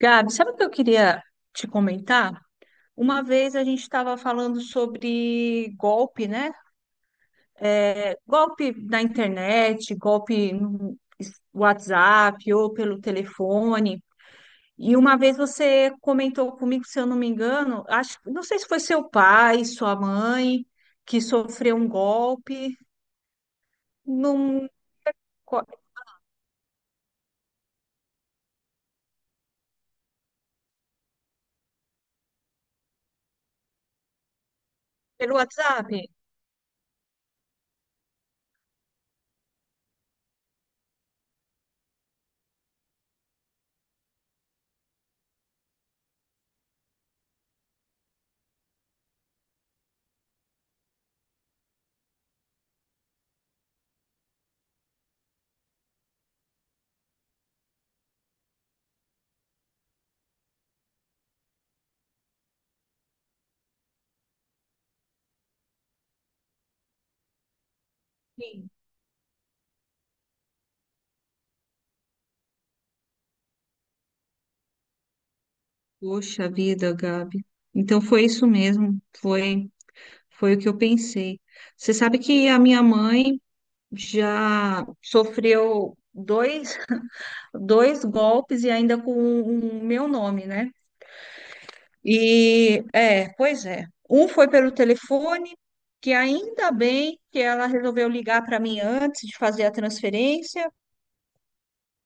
Gabi, sabe o que eu queria te comentar? Uma vez a gente estava falando sobre golpe, né? É, golpe na internet, golpe no WhatsApp ou pelo telefone. E uma vez você comentou comigo, se eu não me engano, acho, não sei se foi seu pai, sua mãe, que sofreu um golpe num, co- pelo WhatsApp. Sim. Poxa vida, Gabi. Então foi isso mesmo, foi. Foi o que eu pensei. Você sabe que a minha mãe já sofreu dois golpes e ainda com o meu nome, né? E é, pois é. Um foi pelo telefone, que ainda bem que ela resolveu ligar para mim antes de fazer a transferência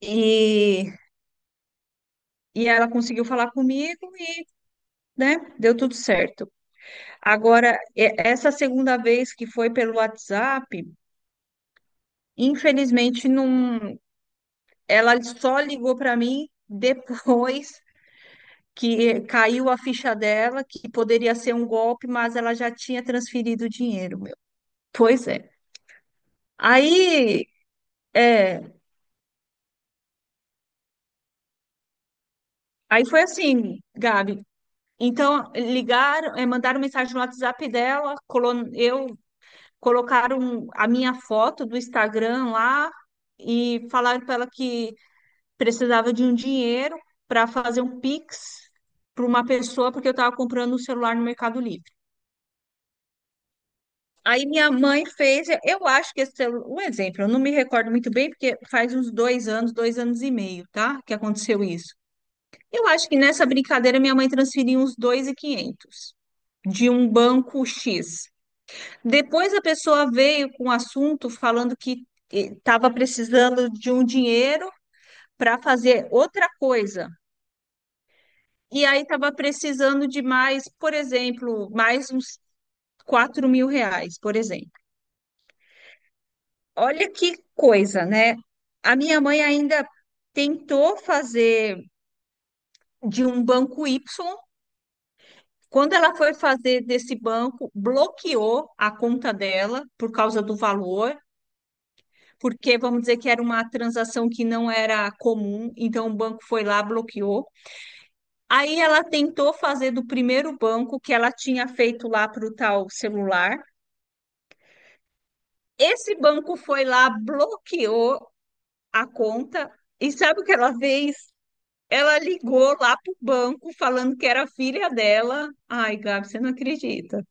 e, e ela conseguiu falar comigo e, né, deu tudo certo. Agora, essa segunda vez que foi pelo WhatsApp, infelizmente não. Ela só ligou para mim depois que caiu a ficha dela, que poderia ser um golpe, mas ela já tinha transferido o dinheiro, meu. Pois é. Aí, é, aí foi assim, Gabi. Então, ligaram, mandaram mensagem no WhatsApp dela, eu colocaram a minha foto do Instagram lá e falaram para ela que precisava de um dinheiro para fazer um Pix para uma pessoa, porque eu estava comprando um celular no Mercado Livre. Aí minha mãe fez, eu acho que esse um exemplo, eu não me recordo muito bem, porque faz uns 2 anos, 2 anos e meio, tá? Que aconteceu isso. Eu acho que nessa brincadeira minha mãe transferiu uns 2.500 de um banco X. Depois a pessoa veio com um assunto falando que estava precisando de um dinheiro para fazer outra coisa. E aí estava precisando de mais, por exemplo, mais uns R$ 4.000, por exemplo. Olha que coisa, né? A minha mãe ainda tentou fazer de um banco Y. Quando ela foi fazer desse banco, bloqueou a conta dela por causa do valor, porque vamos dizer que era uma transação que não era comum, então o banco foi lá, bloqueou. Aí ela tentou fazer do primeiro banco que ela tinha feito lá para o tal celular. Esse banco foi lá, bloqueou a conta. E sabe o que ela fez? Ela ligou lá pro banco falando que era a filha dela. Ai, Gabi, você não acredita.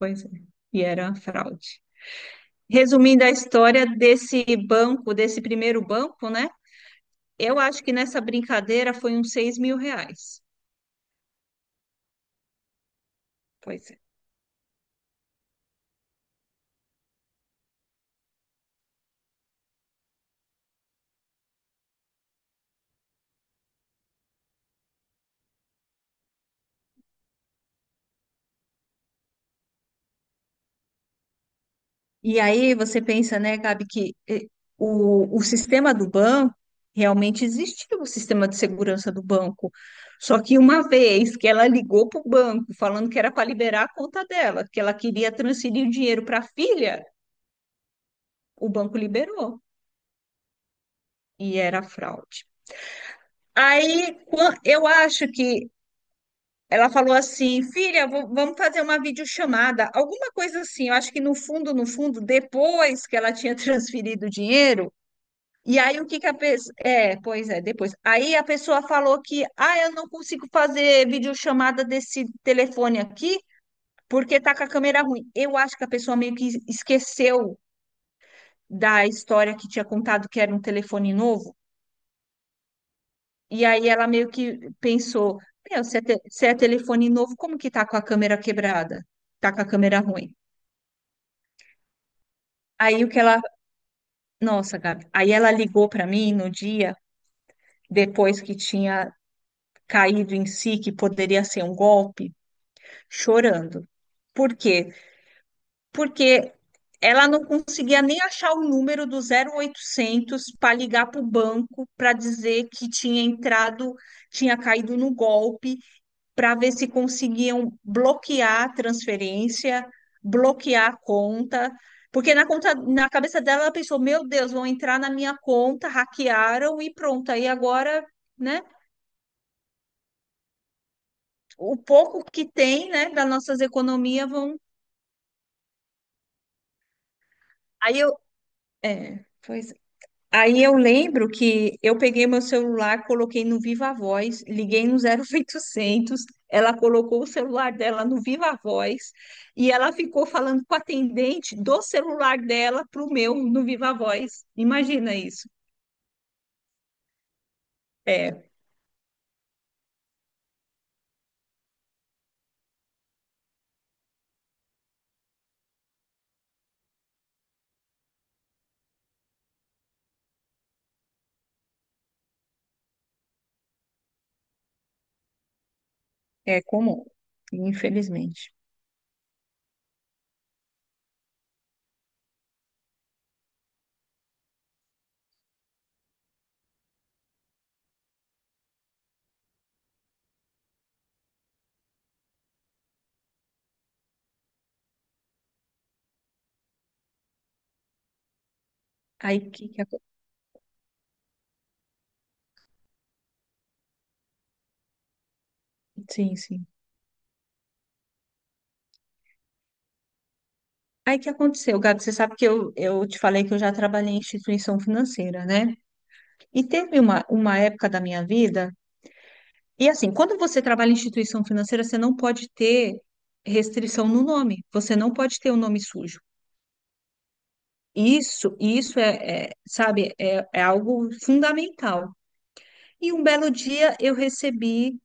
Pois é. E era uma fraude. Resumindo a história desse banco, desse primeiro banco, né? Eu acho que nessa brincadeira foi uns R$ 6.000. Pois é. E aí você pensa, né, Gabi, que o sistema do banco realmente existia o sistema de segurança do banco. Só que uma vez que ela ligou para o banco falando que era para liberar a conta dela, que ela queria transferir o dinheiro para a filha, o banco liberou e era fraude. Aí eu acho que ela falou assim, filha, vamos fazer uma videochamada, alguma coisa assim. Eu acho que no fundo, no fundo, depois que ela tinha transferido o dinheiro. E aí o que que a pessoa. É, pois é, depois. Aí a pessoa falou que, ah, eu não consigo fazer videochamada desse telefone aqui porque tá com a câmera ruim. Eu acho que a pessoa meio que esqueceu da história que tinha contado que era um telefone novo. E aí ela meio que pensou, meu, se é telefone novo, como que tá com a câmera quebrada? Tá com a câmera ruim. Aí o que ela. Nossa, Gabi. Aí ela ligou para mim no dia depois que tinha caído em si, que poderia ser um golpe. Chorando. Por quê? Porque ela não conseguia nem achar o número do 0800 para ligar para o banco para dizer que tinha entrado, tinha caído no golpe, para ver se conseguiam bloquear a transferência, bloquear a conta. Porque na conta, na cabeça dela, ela pensou: meu Deus, vão entrar na minha conta, hackearam e pronto. Aí agora, né? O pouco que tem, né, das nossas economias vão. Aí eu. É, foi Aí eu lembro que eu peguei meu celular, coloquei no Viva Voz, liguei no 0800, ela colocou o celular dela no Viva Voz e ela ficou falando com o atendente do celular dela para o meu no Viva Voz. Imagina isso. É, é comum, infelizmente. Aí sim, sim. Aí que aconteceu, Gabi, você sabe que eu te falei que eu já trabalhei em instituição financeira, né? E teve uma época da minha vida. E assim, quando você trabalha em instituição financeira, você não pode ter restrição no nome, você não pode ter o nome sujo. Isso é, sabe, é algo fundamental. E um belo dia eu recebi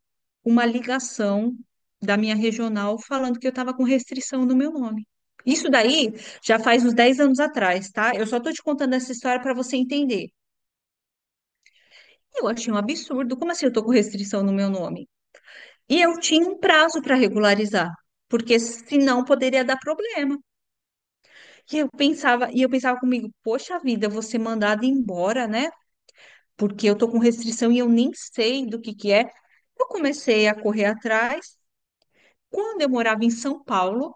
uma ligação da minha regional falando que eu estava com restrição no meu nome. Isso daí já faz uns 10 anos atrás, tá? Eu só estou te contando essa história para você entender. Eu achei um absurdo. Como assim eu estou com restrição no meu nome? E eu tinha um prazo para regularizar, porque senão poderia dar problema. E eu pensava comigo, poxa vida, eu vou ser mandada embora, né? Porque eu tô com restrição e eu nem sei do que é. Eu comecei a correr atrás. Quando eu morava em São Paulo,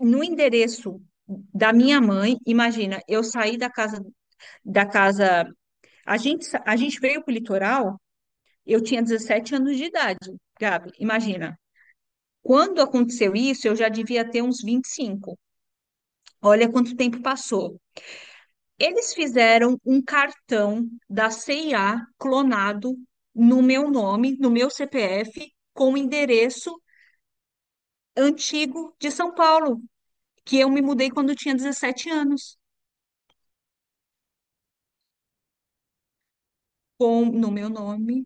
no endereço da minha mãe, imagina, eu saí da casa da casa, a gente veio para o litoral, eu tinha 17 anos de idade, Gabi, imagina. Quando aconteceu isso, eu já devia ter uns 25. Olha quanto tempo passou. Eles fizeram um cartão da CIA clonado no meu nome, no meu CPF, com o endereço antigo de São Paulo, que eu me mudei quando eu tinha 17 anos, com no meu nome,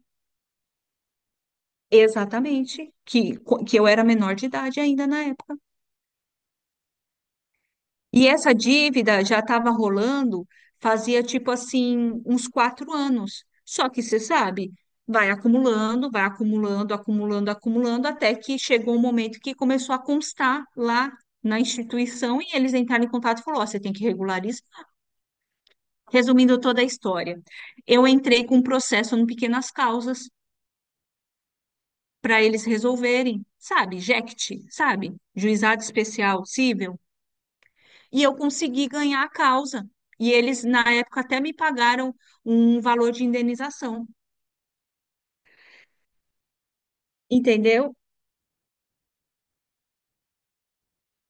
exatamente, que eu era menor de idade ainda na época. E essa dívida já estava rolando fazia tipo assim uns 4 anos. Só que você sabe, vai acumulando, acumulando, acumulando, até que chegou um momento que começou a constar lá na instituição e eles entraram em contato e falou, ó, você tem que regularizar. Resumindo toda a história, eu entrei com um processo no Pequenas Causas para eles resolverem, sabe, JECT, sabe, Juizado Especial Cível. E eu consegui ganhar a causa. E eles, na época, até me pagaram um valor de indenização. Entendeu?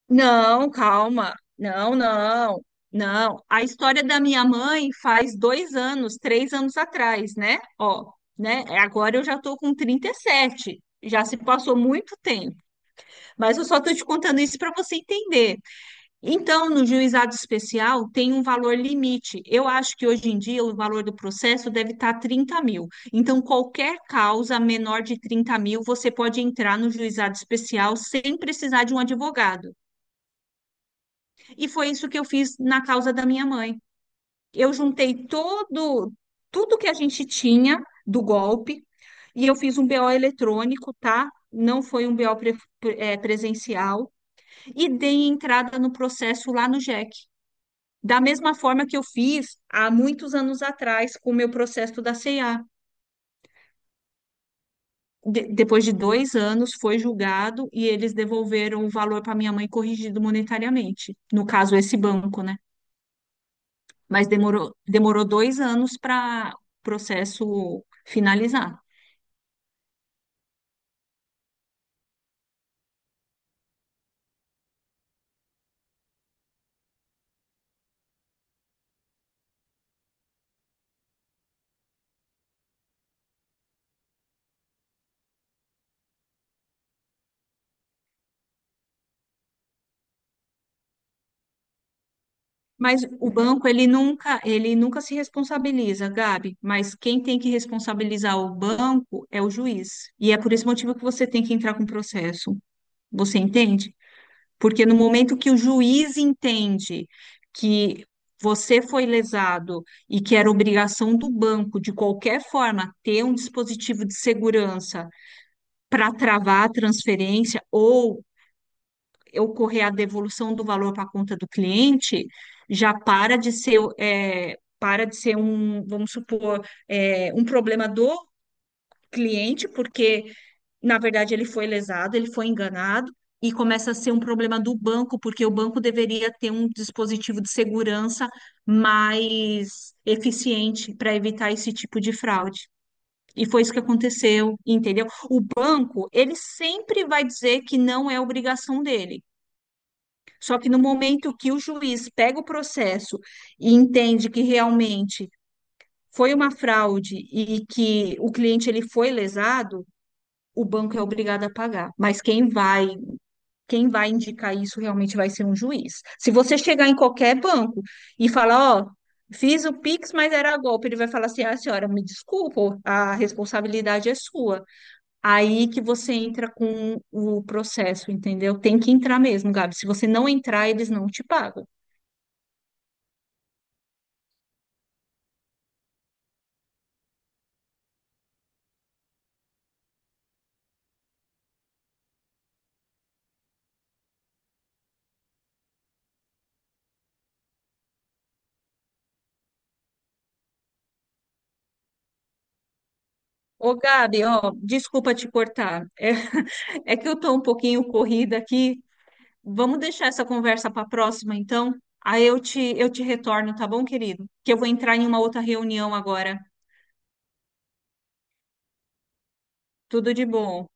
Não, calma. Não, não, não. A história da minha mãe faz 2 anos, 3 anos atrás, né? Ó, né? Agora eu já tô com 37. Já se passou muito tempo. Mas eu só tô te contando isso para você entender. Então, no juizado especial, tem um valor limite. Eu acho que hoje em dia o valor do processo deve estar 30.000. Então, qualquer causa menor de 30.000, você pode entrar no juizado especial sem precisar de um advogado. E foi isso que eu fiz na causa da minha mãe. Eu juntei todo, tudo que a gente tinha do golpe e eu fiz um BO eletrônico, tá? Não foi um BO presencial. E dei entrada no processo lá no JEC. Da mesma forma que eu fiz há muitos anos atrás com o meu processo da CEA. Depois de 2 anos, foi julgado e eles devolveram o valor para minha mãe corrigido monetariamente. No caso, esse banco, né? Mas demorou, demorou 2 anos para o processo finalizar. Mas o banco, ele nunca se responsabiliza, Gabi. Mas quem tem que responsabilizar o banco é o juiz. E é por esse motivo que você tem que entrar com o processo. Você entende? Porque no momento que o juiz entende que você foi lesado e que era obrigação do banco, de qualquer forma, ter um dispositivo de segurança para travar a transferência ou ocorrer a devolução do valor para a conta do cliente, já para de ser, para de ser um, vamos supor, um problema do cliente, porque na verdade, ele foi lesado, ele foi enganado, e começa a ser um problema do banco, porque o banco deveria ter um dispositivo de segurança mais eficiente para evitar esse tipo de fraude. E foi isso que aconteceu, entendeu? O banco, ele sempre vai dizer que não é obrigação dele. Só que no momento que o juiz pega o processo e entende que realmente foi uma fraude e que o cliente ele foi lesado, o banco é obrigado a pagar. Mas quem vai indicar isso realmente vai ser um juiz. Se você chegar em qualquer banco e falar, ó, fiz o Pix, mas era golpe, ele vai falar assim, ah, senhora, me desculpa, a responsabilidade é sua. Aí que você entra com o processo, entendeu? Tem que entrar mesmo, Gabi. Se você não entrar, eles não te pagam. Ô, Gabi, ó, desculpa te cortar. É, é que eu tô um pouquinho corrida aqui. Vamos deixar essa conversa para a próxima, então? Aí eu te retorno, tá bom, querido? Que eu vou entrar em uma outra reunião agora. Tudo de bom.